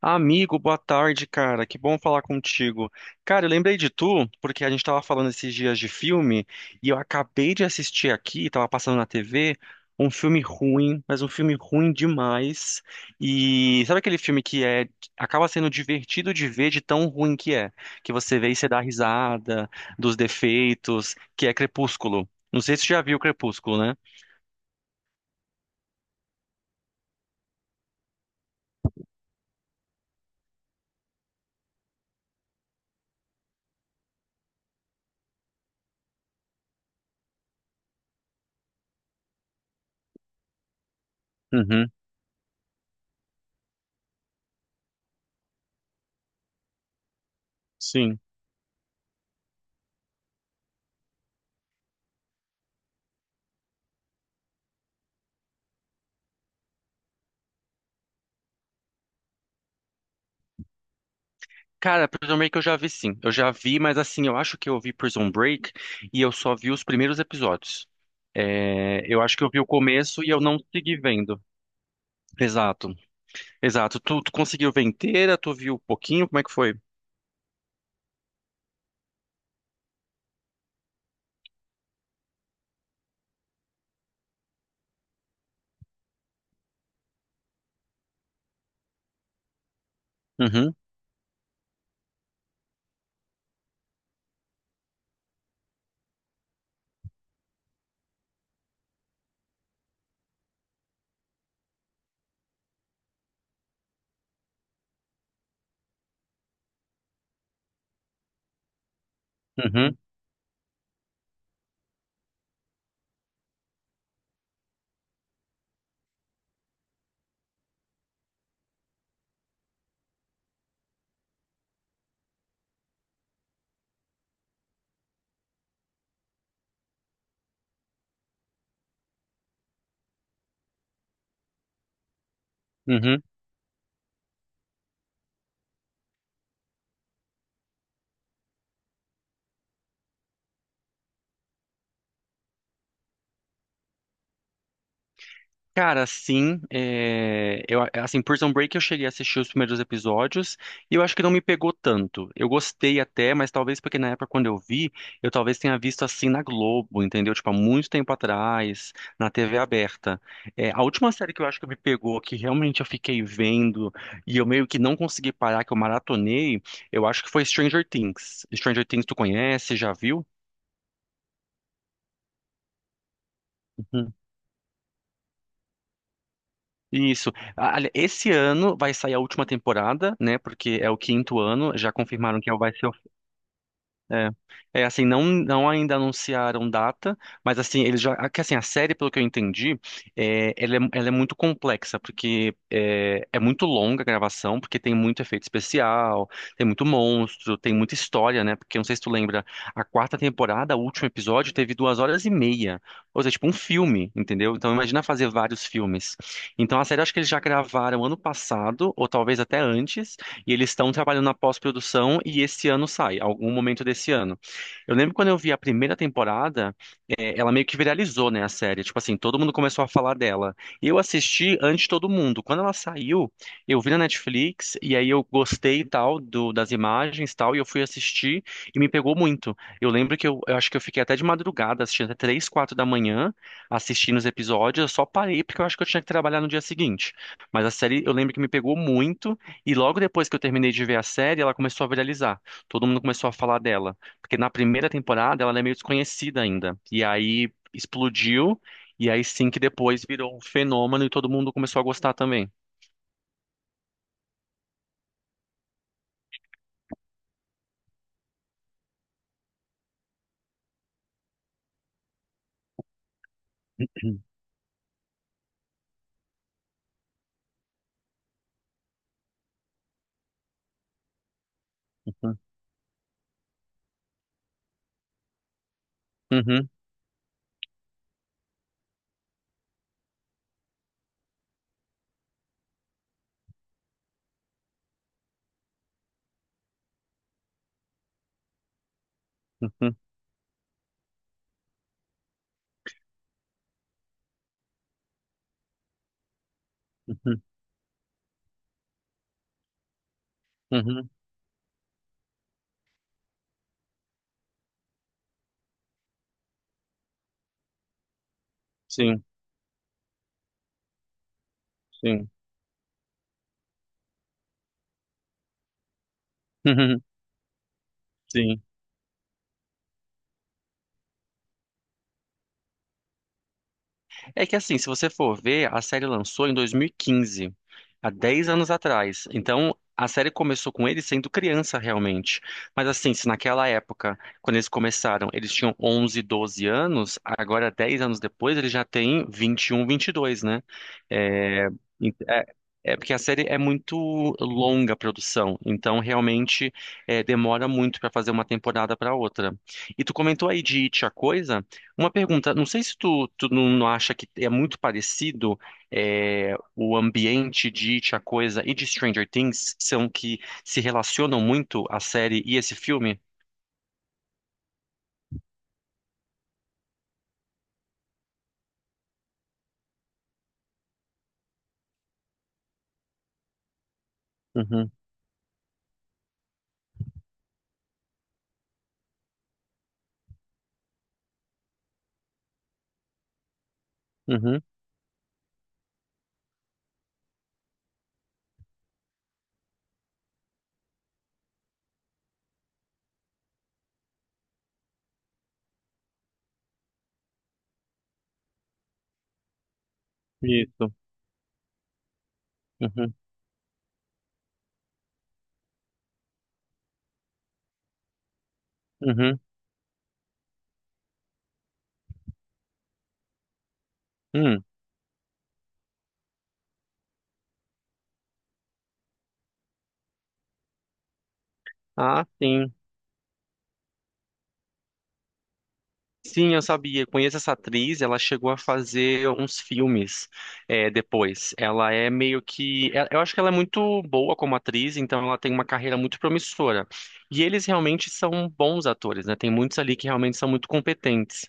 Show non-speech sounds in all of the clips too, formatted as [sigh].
Amigo, boa tarde, cara. Que bom falar contigo. Cara, eu lembrei de tu, porque a gente tava falando esses dias de filme, e eu acabei de assistir aqui, tava passando na TV, um filme ruim, mas um filme ruim demais. E sabe aquele filme que acaba sendo divertido de ver de tão ruim que é, que você vê e você dá risada dos defeitos, que é Crepúsculo. Não sei se você já viu Crepúsculo, né? Uhum, sim. Cara, Prison Break eu já vi sim. Eu já vi, mas assim, eu acho que eu vi Prison Break e eu só vi os primeiros episódios. É, eu acho que eu vi o começo e eu não segui vendo. Exato, exato. Tu conseguiu ver inteira? Tu viu um pouquinho? Como é que foi? Uhum, uhum, uhum. Cara, sim, é, eu, assim, Prison Break eu cheguei a assistir os primeiros episódios e eu acho que não me pegou tanto. Eu gostei até, mas talvez porque na época quando eu vi, eu talvez tenha visto assim na Globo, entendeu? Tipo, há muito tempo atrás, na TV aberta. É, a última série que eu acho que me pegou, que realmente eu fiquei vendo e eu meio que não consegui parar, que eu maratonei, eu acho que foi Stranger Things. Stranger Things tu conhece, já viu? Isso. Ah, esse ano vai sair a última temporada, né? Porque é o quinto ano. Já confirmaram que vai ser. É, é assim, não ainda anunciaram data, mas assim, eles já, que assim, a série, pelo que eu entendi, ela é muito complexa, porque é muito longa a gravação, porque tem muito efeito especial, tem muito monstro, tem muita história, né? Porque não sei se tu lembra, a quarta temporada, o último episódio, teve 2 horas e meia, ou seja, tipo um filme, entendeu? Então imagina fazer vários filmes. Então a série, eu acho que eles já gravaram ano passado, ou talvez até antes, e eles estão trabalhando na pós-produção e esse ano sai, algum momento desse ano. Eu lembro quando eu vi a primeira temporada, ela meio que viralizou, né, a série. Tipo assim, todo mundo começou a falar dela. Eu assisti antes de todo mundo. Quando ela saiu, eu vi na Netflix e aí eu gostei e tal das imagens e tal e eu fui assistir e me pegou muito. Eu lembro que eu acho que eu fiquei até de madrugada assistindo até três, quatro da manhã assistindo os episódios. Eu só parei porque eu acho que eu tinha que trabalhar no dia seguinte. Mas a série eu lembro que me pegou muito. E logo depois que eu terminei de ver a série, ela começou a viralizar. Todo mundo começou a falar dela. Porque na primeira temporada ela é meio desconhecida ainda. E aí explodiu, e aí sim que depois virou um fenômeno e todo mundo começou a gostar também. Uhum, uhum, uhum, uhum, uhum. Sim, sim, [laughs] sim. É que assim, se você for ver, a série lançou em 2015, há 10 anos atrás. Então, a série começou com ele sendo criança realmente. Mas assim, se naquela época, quando eles começaram, eles tinham 11, 12 anos, agora 10 anos depois, ele já tem 21, 22, né? É, é, é porque a série é muito longa a produção, então realmente demora muito para fazer uma temporada para outra. E tu comentou aí de It, a Coisa? Uma pergunta, não sei se tu não acha que é muito parecido o ambiente de It, a Coisa e de Stranger Things, são que se relacionam muito a série e esse filme? Uhum, uhum, isso. Uhum, uhum, hum. Ah, sim. Sim, eu sabia. Conheço essa atriz. Ela chegou a fazer uns filmes depois. Ela é meio que. Eu acho que ela é muito boa como atriz, então ela tem uma carreira muito promissora. E eles realmente são bons atores, né? Tem muitos ali que realmente são muito competentes.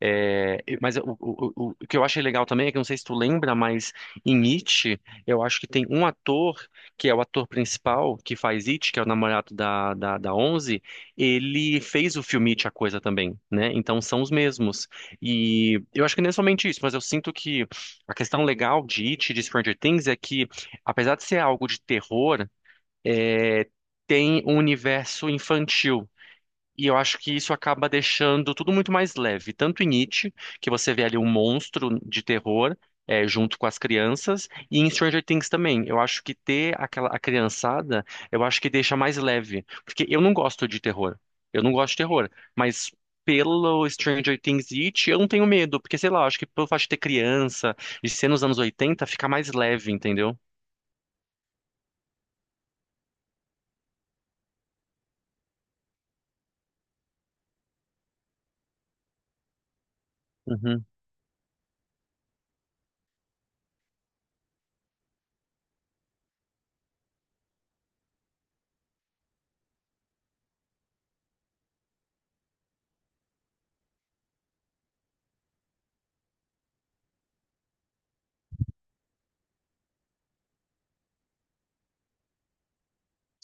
É, mas o que eu achei legal também é que não sei se tu lembra, mas em It, eu acho que tem um ator que é o ator principal que faz It, que é o namorado da Onze ele fez o filme It, a coisa também, né? Então são os mesmos. E eu acho que não é somente isso, mas eu sinto que a questão legal de It, e de Stranger Things, é que, apesar de ser algo de terror, é, tem um universo infantil. E eu acho que isso acaba deixando tudo muito mais leve. Tanto em It, que você vê ali um monstro de terror junto com as crianças, e em Stranger Things também. Eu acho que ter aquela a criançada, eu acho que deixa mais leve. Porque eu não gosto de terror. Eu não gosto de terror. Mas pelo Stranger Things e It, eu não tenho medo. Porque, sei lá, eu acho que pelo fato de ter criança, de ser nos anos 80 fica mais leve, entendeu? Uhum,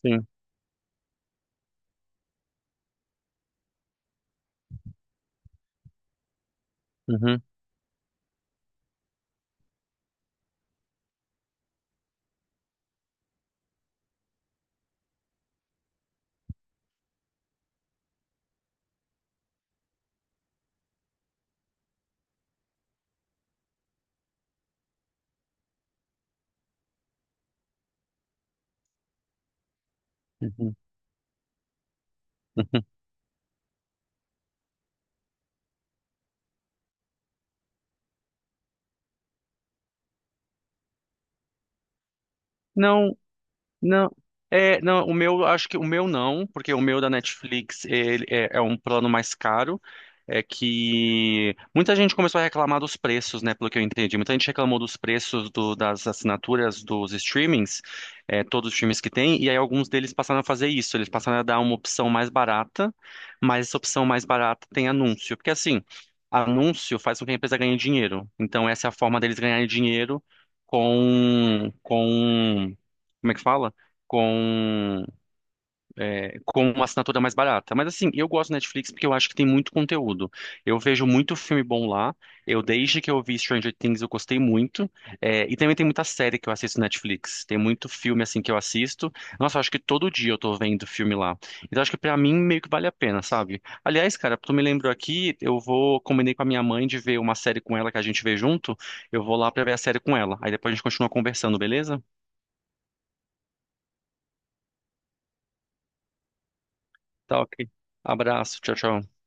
sim. Uhum, uhum. Não, não. É, não, o meu, acho que o meu não, porque o meu da Netflix ele é um plano mais caro. É que muita gente começou a reclamar dos preços, né? Pelo que eu entendi. Muita gente reclamou dos preços das assinaturas dos streamings, todos os streamings que tem, e aí alguns deles passaram a fazer isso. Eles passaram a dar uma opção mais barata, mas essa opção mais barata tem anúncio. Porque assim, anúncio faz com que a empresa ganhe dinheiro. Então essa é a forma deles ganharem dinheiro com, com, como é que fala? com, com uma assinatura mais barata. Mas assim, eu gosto do Netflix porque eu acho que tem muito conteúdo. Eu vejo muito filme bom lá. Eu, desde que eu vi Stranger Things, eu gostei muito. É, e também tem muita série que eu assisto no Netflix. Tem muito filme assim que eu assisto. Nossa, eu acho que todo dia eu tô vendo filme lá. Então acho que pra mim meio que vale a pena, sabe? Aliás, cara, tu me lembrou aqui, combinei com a minha mãe de ver uma série com ela que a gente vê junto. Eu vou lá pra ver a série com ela. Aí depois a gente continua conversando, beleza? Tá ok. Abraço, tchau, tchau.